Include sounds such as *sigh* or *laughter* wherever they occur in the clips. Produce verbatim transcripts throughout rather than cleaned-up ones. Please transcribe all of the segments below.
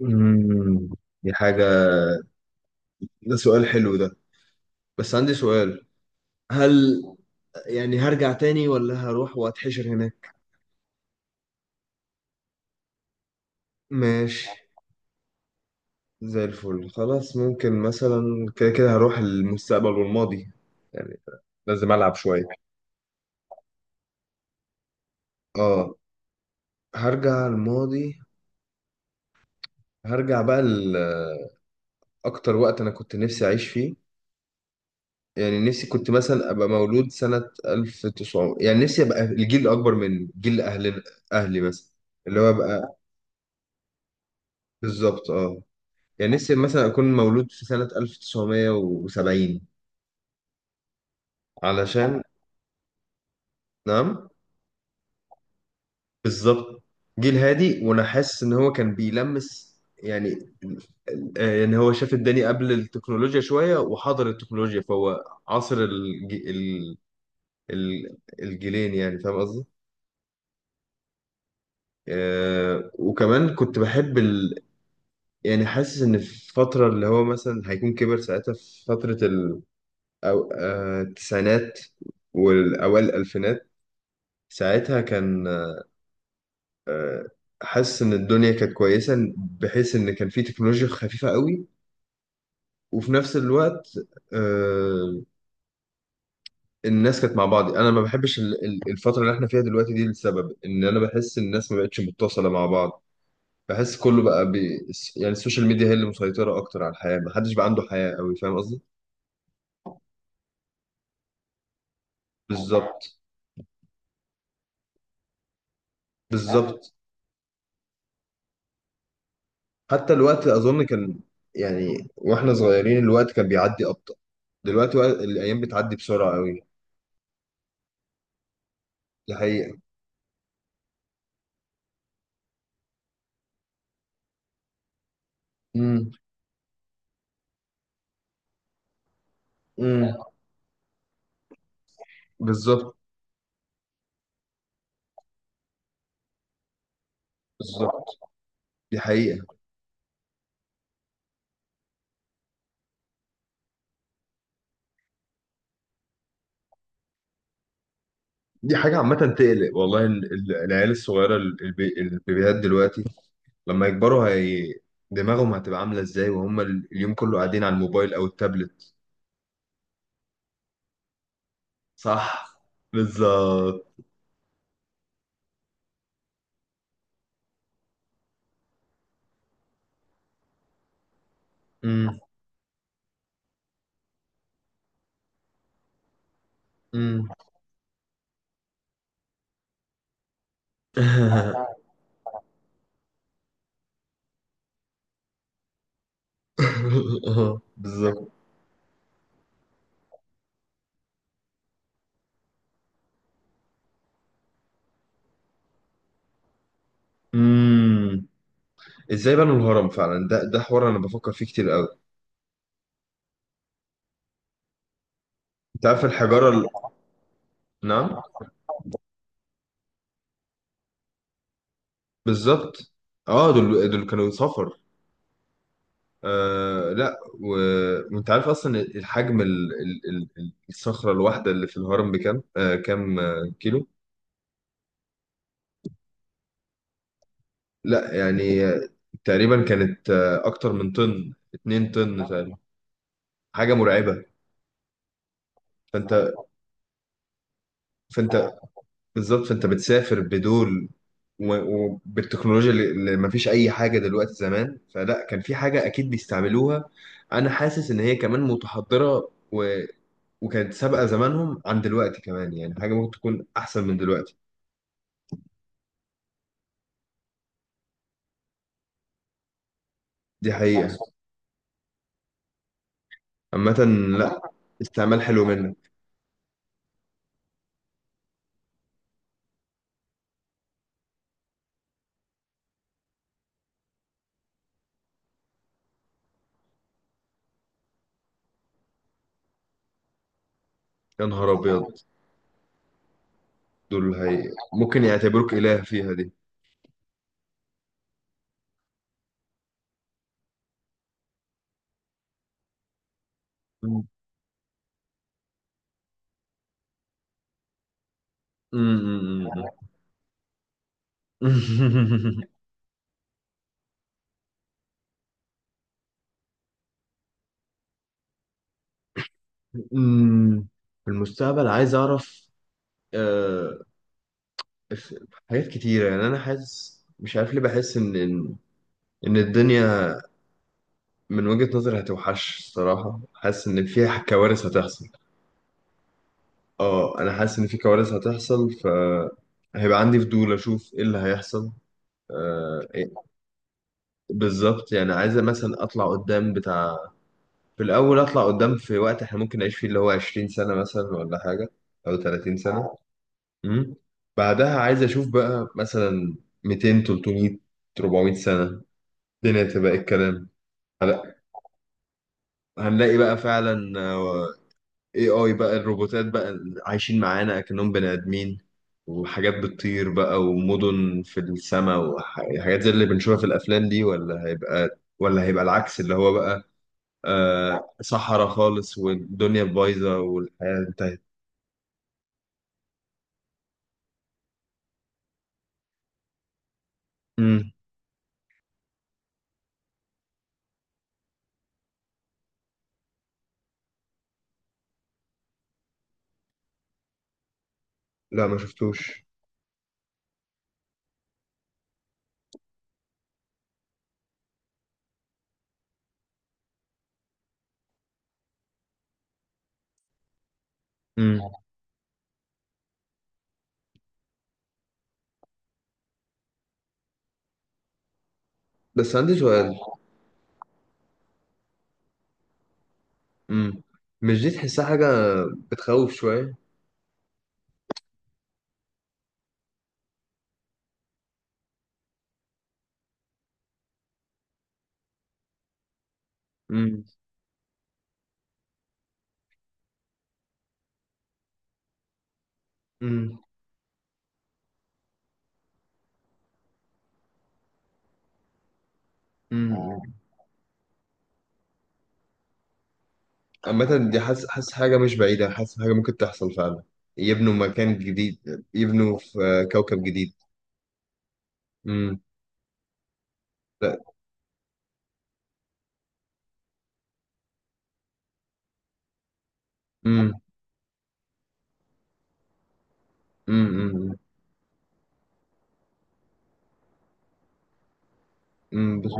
امم دي حاجة ده سؤال حلو ده. بس عندي سؤال. هل يعني هرجع تاني ولا هروح واتحشر هناك؟ ماشي. زي الفل. خلاص ممكن مثلا كده كده هروح المستقبل والماضي. يعني لازم ألعب شوية. اه هرجع الماضي. هرجع بقى لأكتر وقت أنا كنت نفسي أعيش فيه. يعني نفسي كنت مثلا أبقى مولود سنة ألف وتسعمية. يعني نفسي أبقى الجيل الأكبر من جيل أهلنا. أهلي مثلا. اللي هو أبقى. بالظبط اه. يعني نفسي مثلا أكون مولود في سنة ألف وتسعمية وسبعين. علشان. نعم. بالظبط. جيل هادي وأنا حاسس إن هو كان بيلمس. يعني آه، يعني هو شاف الدنيا قبل التكنولوجيا شوية وحضر التكنولوجيا فهو عصر الج... ال... ال... الجيلين. يعني فاهم قصدي؟ آه وكمان كنت بحب ال... يعني حاسس إن في الفترة اللي هو مثلا هيكون كبر ساعتها في فترة ال... أو... آه التسعينات والأوائل الألفينات. ساعتها كان حاسس ان الدنيا كانت كويسه بحيث ان كان في تكنولوجيا خفيفه قوي. وفي نفس الوقت آه، الناس كانت مع بعض. انا ما بحبش ال- ال- الفتره اللي احنا فيها دلوقتي دي لسبب ان انا بحس ان الناس ما بقتش متصله مع بعض. بحس كله بقى بي... يعني السوشيال ميديا هي اللي مسيطره اكتر على الحياه. ما حدش بقى عنده حياه قوي. فاهم قصدي؟ بالظبط. بالظبط. حتى الوقت اظن كان. يعني واحنا صغيرين الوقت كان بيعدي ابطأ. دلوقتي وق- الايام بتعدي بسرعه قوي. دي حقيقه. امم بالظبط. بالظبط. دي حقيقة. دي حاجة عامة تقلق والله. ال- ال- العيال الصغيرة ال- الب- البيبيهات دلوقتي لما يكبروا هي دماغهم هتبقى عاملة ازاي؟ وهم ال- اليوم كله قاعدين على الموبايل أو التابلت. صح. بالظبط. امم امم *laughs* آه، بالظبط. امم ازاي بنوا الهرم فعلا؟ ده ده حوار انا بفكر فيه كتير قوي. انت عارف الحجاره ال... نعم. بالظبط. اه دول دول كانوا سفر. آه لا و... وانت عارف اصلا الحجم ال... ال... ال... ال- الصخره الواحده اللي في الهرم بكام آه كام آه، كيلو؟ لا يعني آه، تقريبا كانت آه اكتر من طن 2 طن تقريبا. حاجه مرعبه. فانت. فانت. بالظبط. فانت بتسافر بدول. و... وبالتكنولوجيا اللي اللي ما فيش اي حاجه دلوقتي زمان. فلا كان في حاجه اكيد بيستعملوها. انا حاسس ان هي كمان متحضره و... وكانت سابقه زمانهم عن دلوقتي كمان. يعني حاجه ممكن تكون احسن من دلوقتي. دي حقيقة. عامة. لا، استعمال حلو منك. يا نهار أبيض. دول هي ممكن يعتبروك إله فيها دي. م- م- م- م. *laughs* في المستقبل عايز أعرف. آه، ف- حاجات كتيرة يعني. أنا حاسس مش عارف ليه بحس إن إن إن الدنيا من وجهة نظري هتوحش الصراحة. حاسس إن فيها كوارث هتحصل. أه أنا حاسس إن في كوارث هتحصل فهيبقى عندي فضول أشوف إيه اللي هيحصل. آه، بالظبط. يعني عايزة مثلا أطلع قدام بتاع. في الأول أطلع قدام في وقت إحنا ممكن نعيش فيه اللي هو 20 سنة مثلا ولا حاجة أو 30 سنة. اه. امم بعدها عايز أشوف بقى مثلا ميتين تلتمية 400 سنة الدنيا تبقى إيه الكلام. هلا- هنلاقي بقى فعلا آه، اي اي بقى الروبوتات بقى عايشين معانا أكنهم بني آدمين. وحاجات بتطير بقى ومدن في السماء وحاجات زي اللي بنشوفها في الأفلام دي. ولا هيبقى ولا هيبقى العكس. اللي هو بقى آه صحراء خالص والدنيا بايظة والحياة انتهت. امم لا ما شفتوش. امم بس عندي سؤال. امم مش دي تحسها حاجة بتخوف شوية؟ امم امم امم عامة دي حاسس حاسس حاجة مش بعيدة. حاسس حاجة ممكن تحصل فعلا. يبنوا مكان جديد. يبنوا في آه، كوكب جديد. امم لا. امم امم امم بس.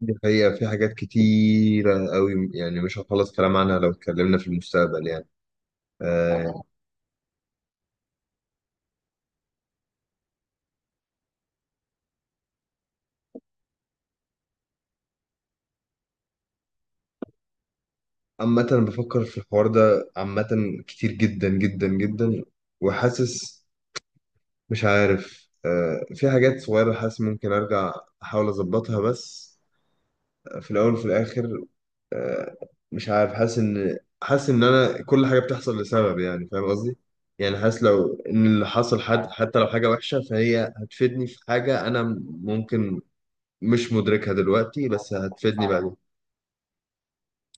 دي حقيقة. في حاجات كتيرة قوي يعني مش هنخلص كلام عنها لو اتكلمنا في المستقبل يعني. آه. عامة أنا بفكر في الحوار ده عامة كتير جدا جدا جدا. وحاسس مش عارف آه، في حاجات صغيرة حاسس ممكن أرجع أحاول أظبطها. بس آه، في الأول وفي الآخر آه، مش عارف. حاسس إن حاسس إن أنا كل حاجة بتحصل لسبب. يعني فاهم قصدي؟ يعني حاسس لو إن اللي حصل حد حتى لو حاجة وحشة فهي هتفيدني في حاجة أنا. ممكن مش مدركها دلوقتي بس هتفيدني بعدين.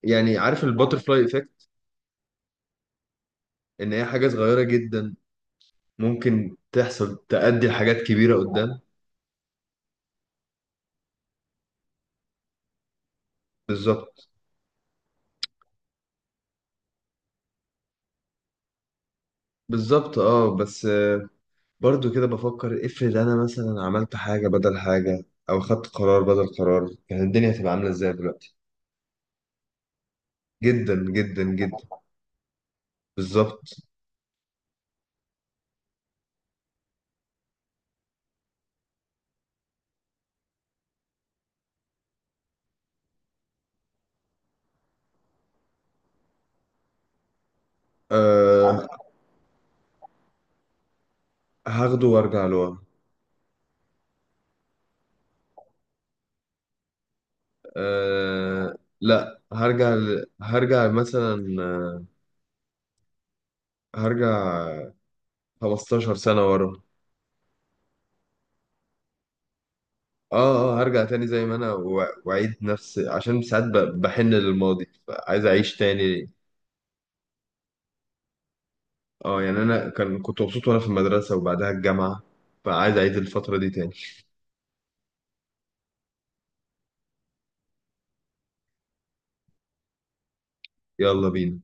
يعني عارف الباترفلاي إيفكت. إن هي حاجة صغيرة جدا ممكن تحصل تأدي لحاجات كبيرة قدام. بالظبط. بالظبط اه. بس برضو كده بفكر افرض انا مثلا عملت حاجة بدل حاجة او خدت قرار بدل قرار كانت الدنيا هتبقى عاملة ازاي دلوقتي؟ جدا جدا جدا. بالظبط. أه هاخده وارجع لورا. أه لا هرجع ل... هرجع مثلا آه، هرجع 15 سنة ورا. اه اه هرجع تاني زي ما انا و- واعيد نفس عشان ساعات ب- بحن للماضي عايز اعيش تاني. اه يعني انا كان كنت مبسوط وانا في المدرسة وبعدها الجامعة. فعايز اعيد الفترة دي تاني. يلا بينا.